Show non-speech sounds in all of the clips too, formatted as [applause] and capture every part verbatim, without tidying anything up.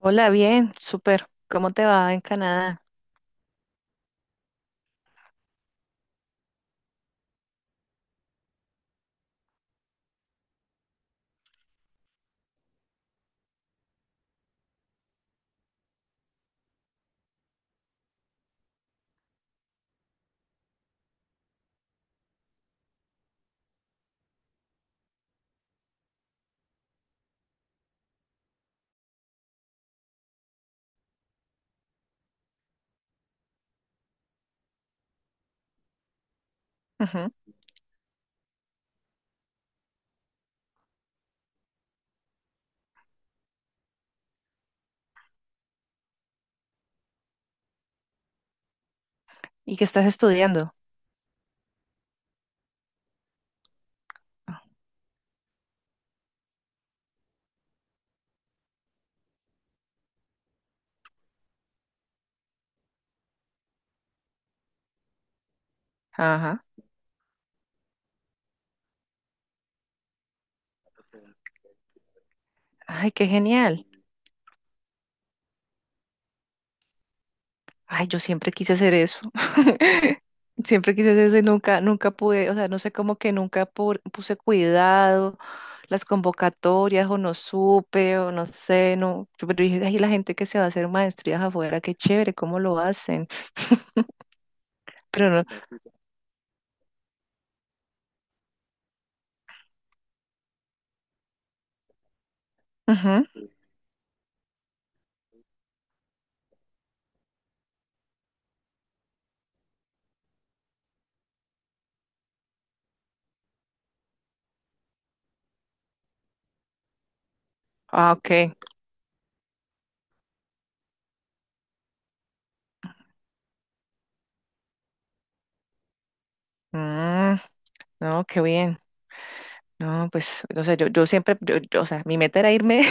Hola, bien, súper. ¿Cómo te va en Canadá? Ujú. ¿Y qué estás estudiando? Ajá. Ay, qué genial. Ay, yo siempre quise hacer eso. [laughs] Siempre quise hacer eso y nunca, nunca pude, o sea, no sé cómo que nunca pu- puse cuidado, las convocatorias o no supe o no sé, no. Yo pero dije, ay, la gente que se va a hacer maestrías afuera, qué chévere, cómo lo hacen. Pero no. Ujú. Ah, ok. Mm, no, qué bien. No, pues, o sea, yo, yo siempre, yo, yo, o sea, mi meta era irme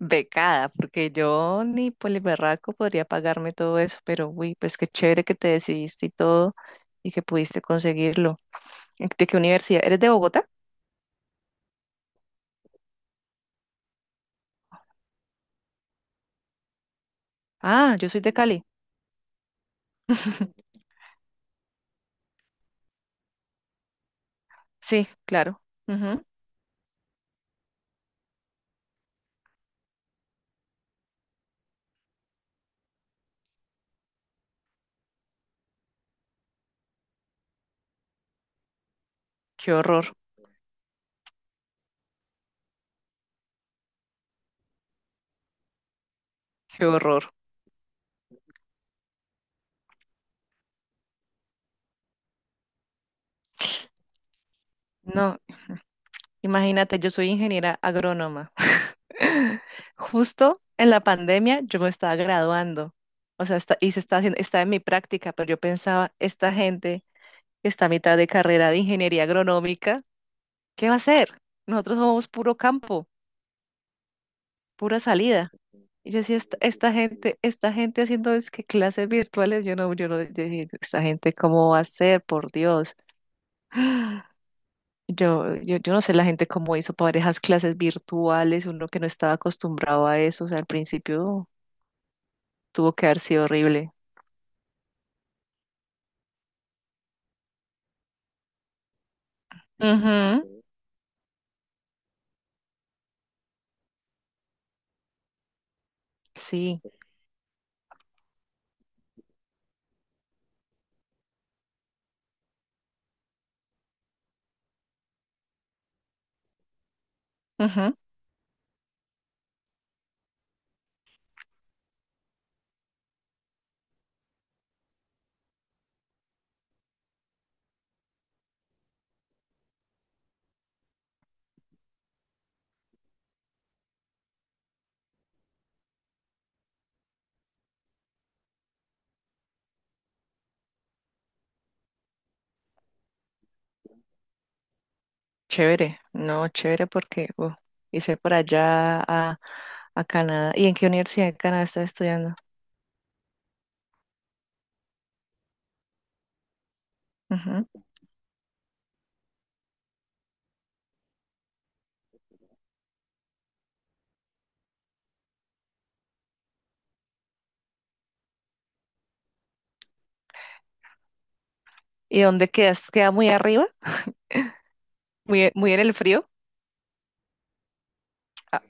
becada, porque yo ni poliberraco podría pagarme todo eso, pero uy, pues qué chévere que te decidiste y todo y que pudiste conseguirlo. ¿De qué universidad? ¿Eres de Bogotá? Ah, yo soy de Cali. [laughs] Sí, claro. Ujú. Qué horror, qué horror. No, imagínate, yo soy ingeniera agrónoma. [laughs] Justo en la pandemia yo me estaba graduando, o sea, está- y se está haciendo, está en mi práctica, pero yo pensaba, esta gente está a mitad de carrera de ingeniería agronómica, ¿qué va a hacer? Nosotros somos puro campo, pura salida. Y yo decía, esta, esta gente, esta gente haciendo es que clases virtuales, yo no, yo no, yo dije, esta gente cómo va a ser, por Dios. [gasps] Yo, yo, yo no sé la gente cómo hizo para esas clases virtuales, uno que no estaba acostumbrado a eso, o sea, al principio tuvo que haber sido horrible. Ujú. Sí, ujú. Chévere, no, chévere porque uh, hice por allá a, a Canadá. ¿Y en qué universidad de Canadá estás estudiando? ¿Y dónde quedas? ¿Queda muy arriba? ¿Muy, muy en el frío? Ah,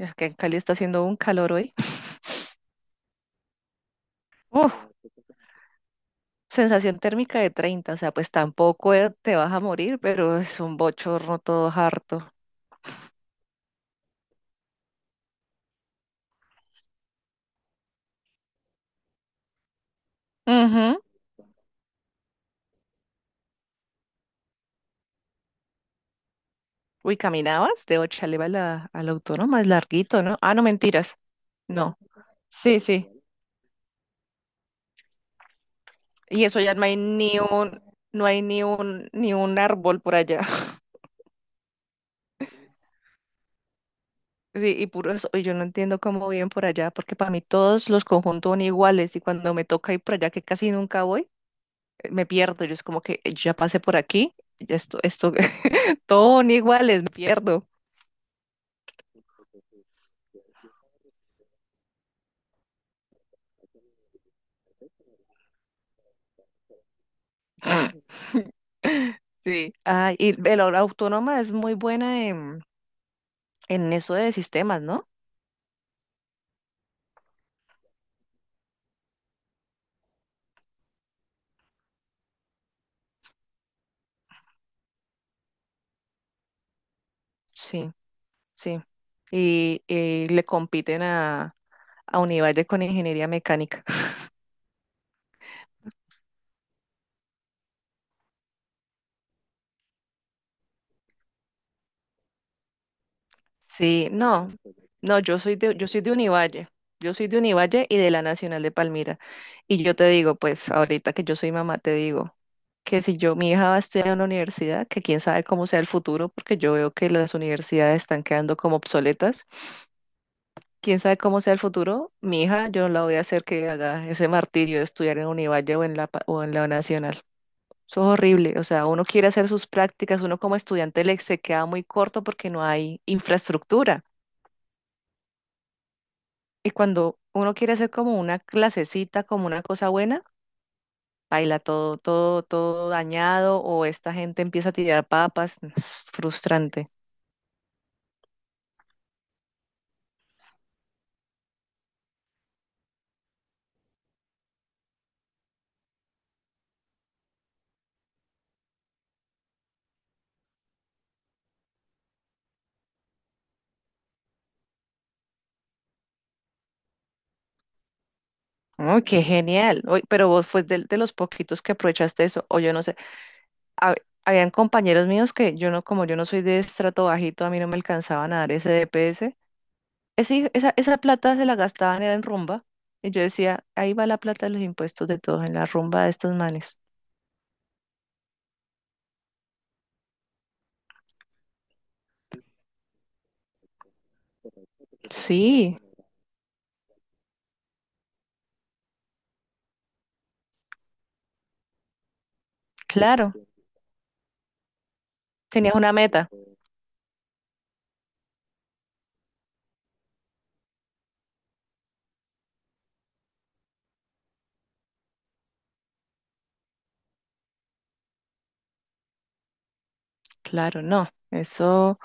es que en Cali está haciendo un calor hoy. Uf, sensación térmica de treinta, o sea, pues tampoco eh, te vas a morir, pero es un bochorno todo harto. Ujú. Uy, caminabas de Ochaleva a la, a la Autónoma, es larguito, ¿no? Ah, no, mentiras. No. Sí, sí. Y eso ya no hay ni un, no hay ni un, ni un árbol por allá. [laughs] Sí, y puro eso. Y yo no entiendo cómo viven por allá, porque para mí todos los conjuntos son iguales y cuando me toca ir por allá, que casi nunca voy, me pierdo. Yo es como que ya pasé por aquí, ya esto, esto, [laughs] todo son iguales, me pierdo. [laughs] Sí. Ah, y el- la Autónoma es muy buena en, en eso de sistemas, ¿no? Sí, sí. Y, y le compiten a, a Univalle con ingeniería mecánica. [laughs] Sí, no, no, yo soy de, yo soy de Univalle. Yo soy de Univalle y de la Nacional de Palmira. Y yo te digo, pues ahorita que yo soy mamá, te digo, que si yo, mi hija va a estudiar en una universidad, que quién sabe cómo sea el futuro, porque yo veo que las universidades están quedando como obsoletas. Quién sabe cómo sea el futuro, mi hija, yo la voy a hacer que haga ese martirio de estudiar en Univalle o en la, pa- o en la Nacional. Eso es horrible. O sea, uno quiere hacer sus prácticas, uno como estudiante le se queda muy corto porque no hay infraestructura. Y cuando uno quiere hacer como una clasecita, como una cosa buena, baila todo, todo, todo dañado, o esta gente empieza a tirar papas. No, es frustrante. Oh, qué genial. Oy, pero vos fue de, de los poquitos que aprovechaste eso, o yo no sé. Hab- habían compañeros míos que yo no, como yo no soy de estrato bajito, a mí no me alcanzaban a dar ese D P S. Ese- esa, esa plata se la gastaban era en rumba. Y yo decía, ahí va la plata de los impuestos de todos, en la rumba de estos manes. Sí, claro. Tenías una meta. Claro, no. Eso,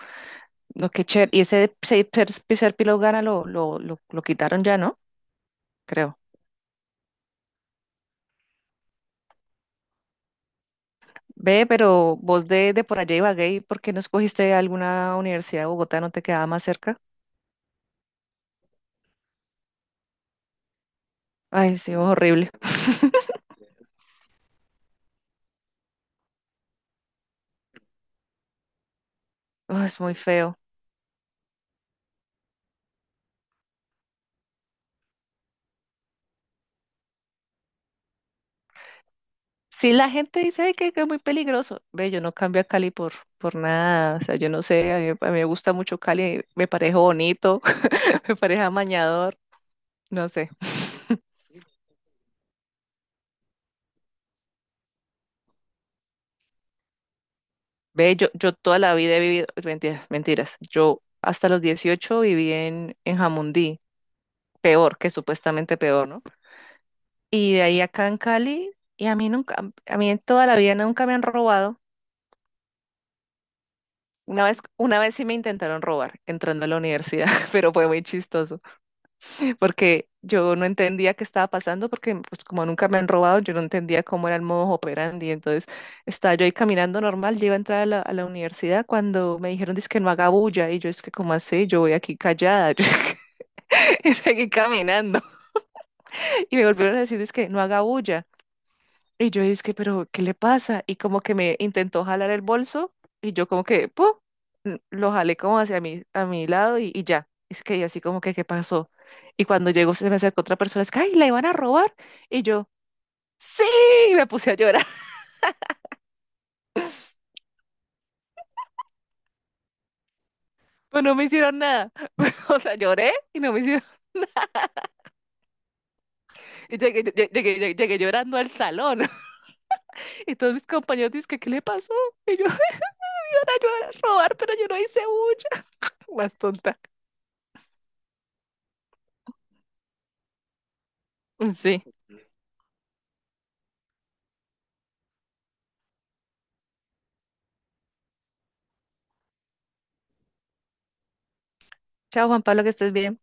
lo que chévere. Y ese Ser Píleo Gana lo, lo, lo, lo quitaron ya, ¿no? Creo. Ve, pero vos de, de por allá Ibagué, ¿por qué no escogiste alguna universidad de Bogotá? ¿No te quedaba más cerca? Ay, sí, horrible. Ay, es muy feo. Sí, la gente dice: "Ay, que, que es muy peligroso". Ve, yo no cambio a Cali por, por nada. O sea, yo no sé, a mí, a mí me gusta mucho Cali, me parece bonito, [laughs] me parece amañador, no sé. Ve, yo, yo toda la vida he vivido, mentiras, mentiras. Yo hasta los dieciocho viví en, en Jamundí, peor, que supuestamente peor, ¿no? Y de ahí acá en Cali, y a mí nunca, a mí en toda la vida nunca me han robado. Una vez, una vez sí me intentaron robar entrando a la universidad, [laughs] pero fue muy chistoso porque yo no entendía qué estaba pasando porque pues como nunca me han robado, yo no entendía cómo era el modo operandi. Entonces estaba yo ahí caminando normal, yo iba a entrar a la, a la universidad cuando me dijeron, dice que no haga bulla y yo es que como así, yo voy aquí callada, [laughs] yo [laughs] y seguí caminando y me volvieron a decir, dice que no haga bulla. Y yo dije, pero, ¿qué le pasa? Y como que me intentó jalar el bolso y yo como que, ¡pum! L- Lo jalé como hacia mi, a mi lado y, y ya. Es que y así como que, ¿qué pasó? Y cuando llegó se me acercó otra persona, es que, ¡ay, la iban a robar! Y yo, ¡sí! Y me puse a llorar, [laughs] pero no me hicieron nada. [laughs] O sea, lloré y no me hicieron... [laughs] Y llegué, lle- llegué, llegué, llegué llorando al salón. [laughs] Y todos mis compañeros dicen, que, ¿qué le pasó? Y yo, [laughs] me van a robar, pero yo no hice mucho. [laughs] Más tonta. Sí. Chao, Juan Pablo, que estés bien.